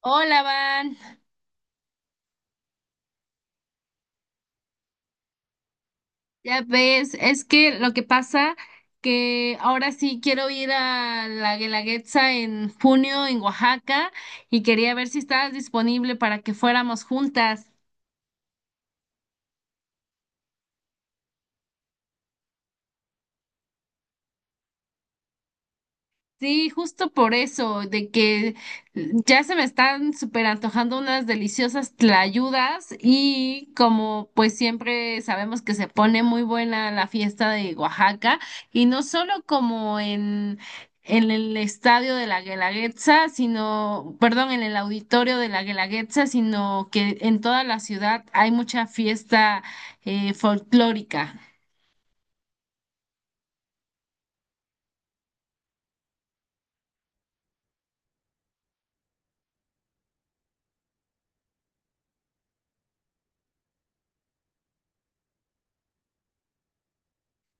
Hola, Van. Ya ves, es que lo que pasa que ahora sí quiero ir a la Guelaguetza en junio en Oaxaca y quería ver si estabas disponible para que fuéramos juntas. Sí, justo por eso, de que ya se me están súper antojando unas deliciosas tlayudas y como pues siempre sabemos que se pone muy buena la fiesta de Oaxaca y no solo como en el estadio de la Guelaguetza, sino, perdón, en el auditorio de la Guelaguetza, sino que en toda la ciudad hay mucha fiesta folclórica.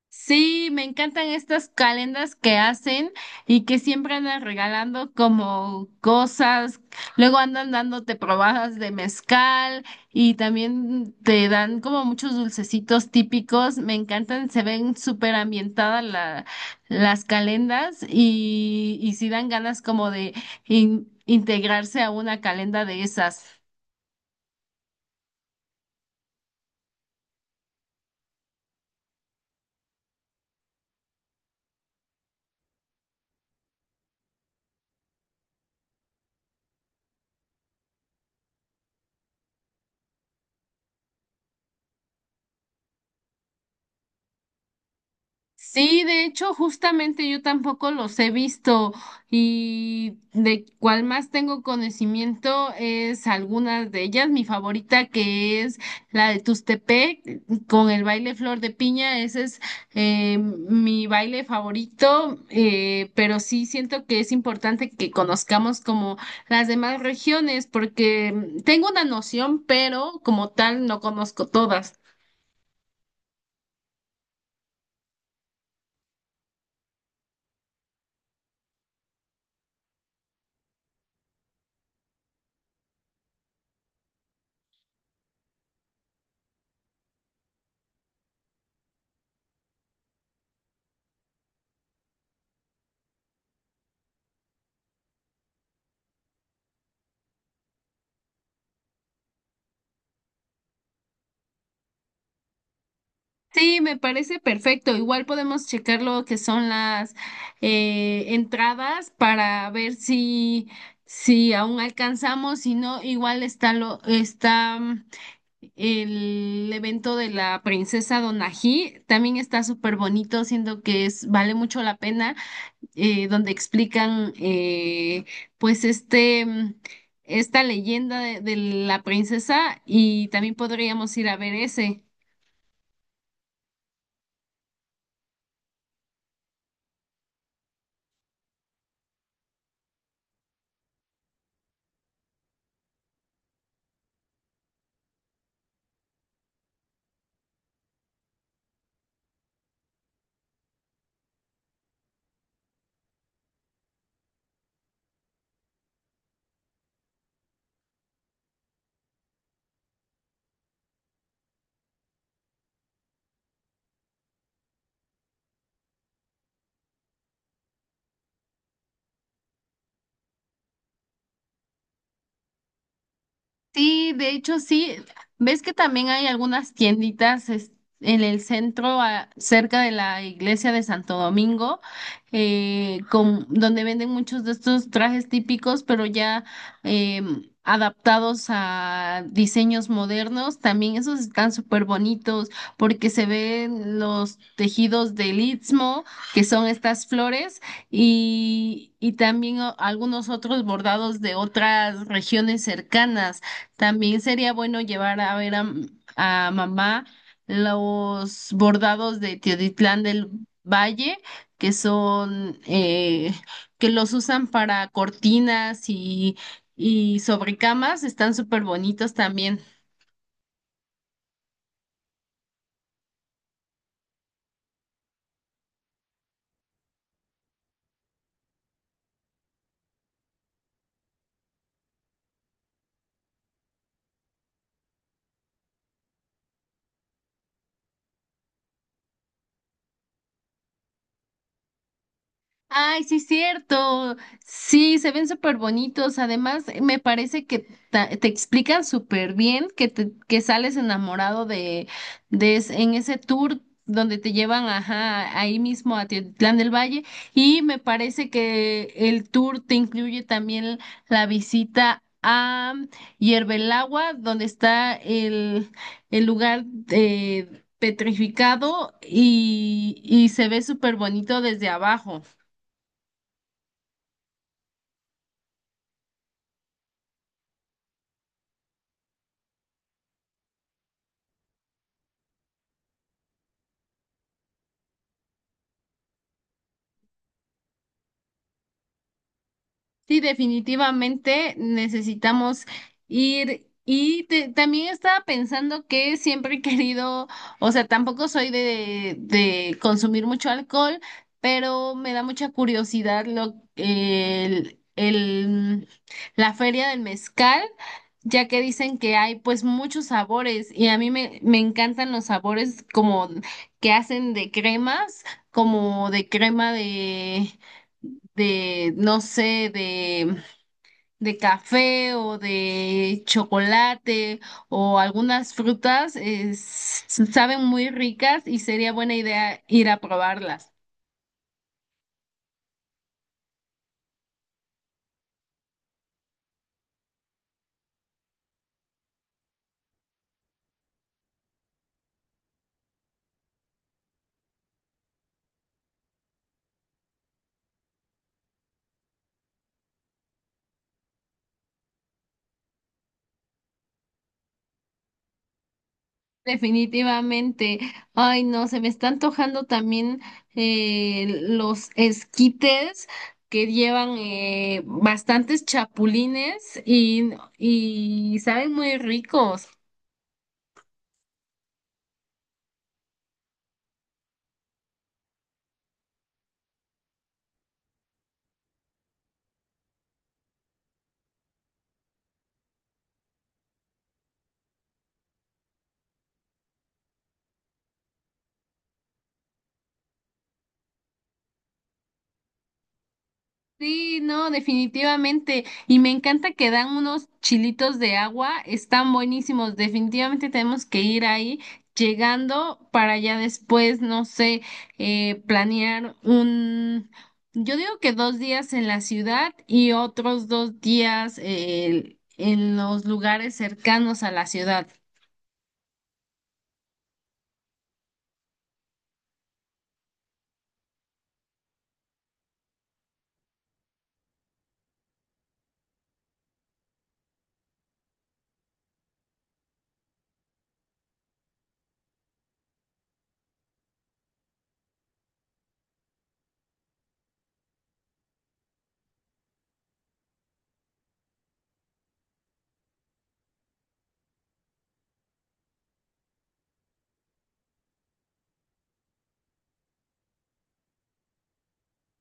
Sí, me encantan estas calendas que hacen y que siempre andan regalando como cosas, luego andan dándote probadas de mezcal y también te dan como muchos dulcecitos típicos, me encantan, se ven súper ambientadas las calendas y sí dan ganas como de integrarse a una calenda de esas. Sí, de hecho, justamente yo tampoco los he visto y de cuál más tengo conocimiento es algunas de ellas. Mi favorita que es la de Tustepec con el baile Flor de Piña, ese es mi baile favorito, pero sí siento que es importante que conozcamos como las demás regiones porque tengo una noción, pero como tal no conozco todas. Sí, me parece perfecto. Igual podemos checar lo que son las entradas para ver si, si aún alcanzamos, si no, igual está el evento de la princesa Donají, también está súper bonito, siento que es, vale mucho la pena, donde explican pues esta leyenda de la princesa, y también podríamos ir a ver ese. Sí, de hecho sí. ¿Ves que también hay algunas tienditas en el centro, cerca de la iglesia de Santo Domingo, donde venden muchos de estos trajes típicos, pero ya adaptados a diseños modernos? También esos están súper bonitos porque se ven los tejidos del Istmo, que son estas flores y también algunos otros bordados de otras regiones cercanas. También sería bueno llevar a ver a, a mamá los bordados de Teotitlán del Valle, que son, que los usan para cortinas y sobrecamas, están súper bonitos también. Ay, sí, cierto. Sí, se ven súper bonitos. Además, me parece que te explican súper bien que sales enamorado de, en ese tour donde te llevan, ajá, ahí mismo a Teotitlán del Valle. Y me parece que el tour te incluye también la visita a Hierbelagua, donde está el lugar petrificado y se ve súper bonito desde abajo. Sí, definitivamente necesitamos ir. También estaba pensando que siempre he querido, o sea, tampoco soy de consumir mucho alcohol, pero me da mucha curiosidad la feria del mezcal, ya que dicen que hay pues muchos sabores y a mí me encantan los sabores como que hacen de cremas, como de crema de no sé, de café o de chocolate o algunas frutas, saben muy ricas y sería buena idea ir a probarlas. Definitivamente. Ay, no, se me está antojando también los esquites que llevan bastantes chapulines y saben muy ricos. Sí, no, definitivamente. Y me encanta que dan unos chilitos de agua, están buenísimos. Definitivamente tenemos que ir ahí llegando para ya después, no sé, planear un, yo digo que dos días en la ciudad y otros dos días en los lugares cercanos a la ciudad.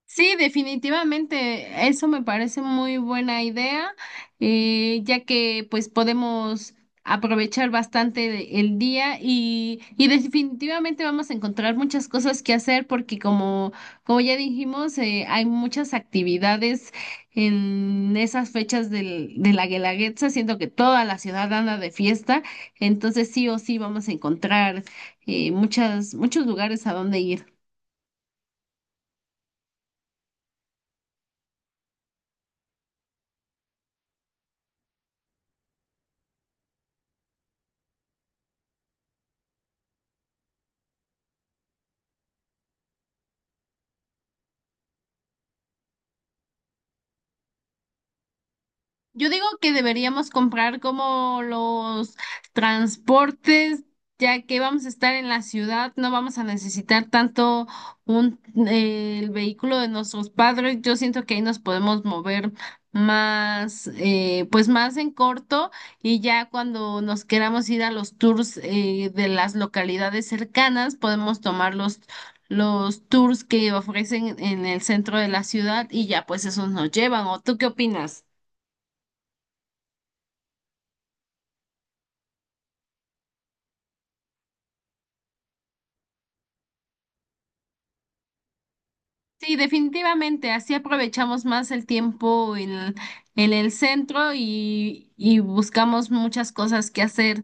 Sí, definitivamente, eso me parece muy buena idea, ya que pues podemos aprovechar bastante el día y definitivamente vamos a encontrar muchas cosas que hacer porque como, como ya dijimos, hay muchas actividades en esas fechas de la Guelaguetza, siendo que toda la ciudad anda de fiesta, entonces sí o sí vamos a encontrar muchos lugares a donde ir. Yo digo que deberíamos comprar como los transportes, ya que vamos a estar en la ciudad, no vamos a necesitar tanto un, el vehículo de nuestros padres. Yo siento que ahí nos podemos mover más, pues más en corto y ya cuando nos queramos ir a los tours de las localidades cercanas, podemos tomar los tours que ofrecen en el centro de la ciudad y ya pues esos nos llevan. ¿O tú qué opinas? Sí, definitivamente, así aprovechamos más el tiempo en el centro y buscamos muchas cosas que hacer.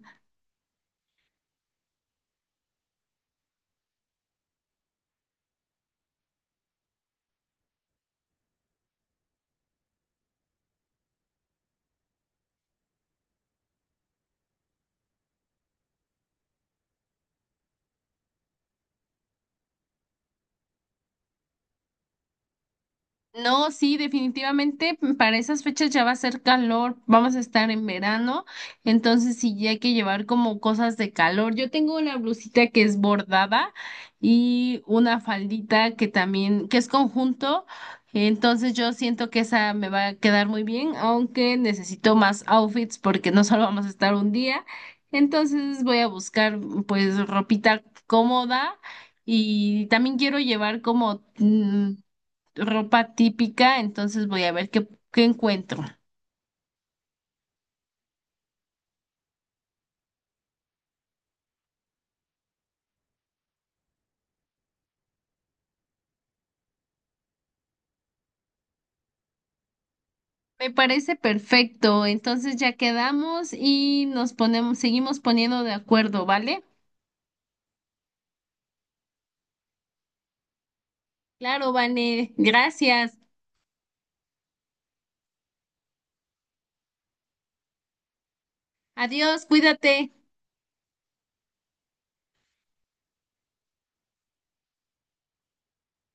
No, sí, definitivamente para esas fechas ya va a ser calor, vamos a estar en verano, entonces sí ya hay que llevar como cosas de calor. Yo tengo una blusita que es bordada y una faldita que también, que es conjunto, entonces yo siento que esa me va a quedar muy bien, aunque necesito más outfits porque no solo vamos a estar un día, entonces voy a buscar pues ropita cómoda y también quiero llevar como ropa típica, entonces voy a ver qué, qué encuentro. Me parece perfecto, entonces ya quedamos y nos ponemos, seguimos poniendo de acuerdo, ¿vale? Claro, Vane, gracias. Adiós, cuídate.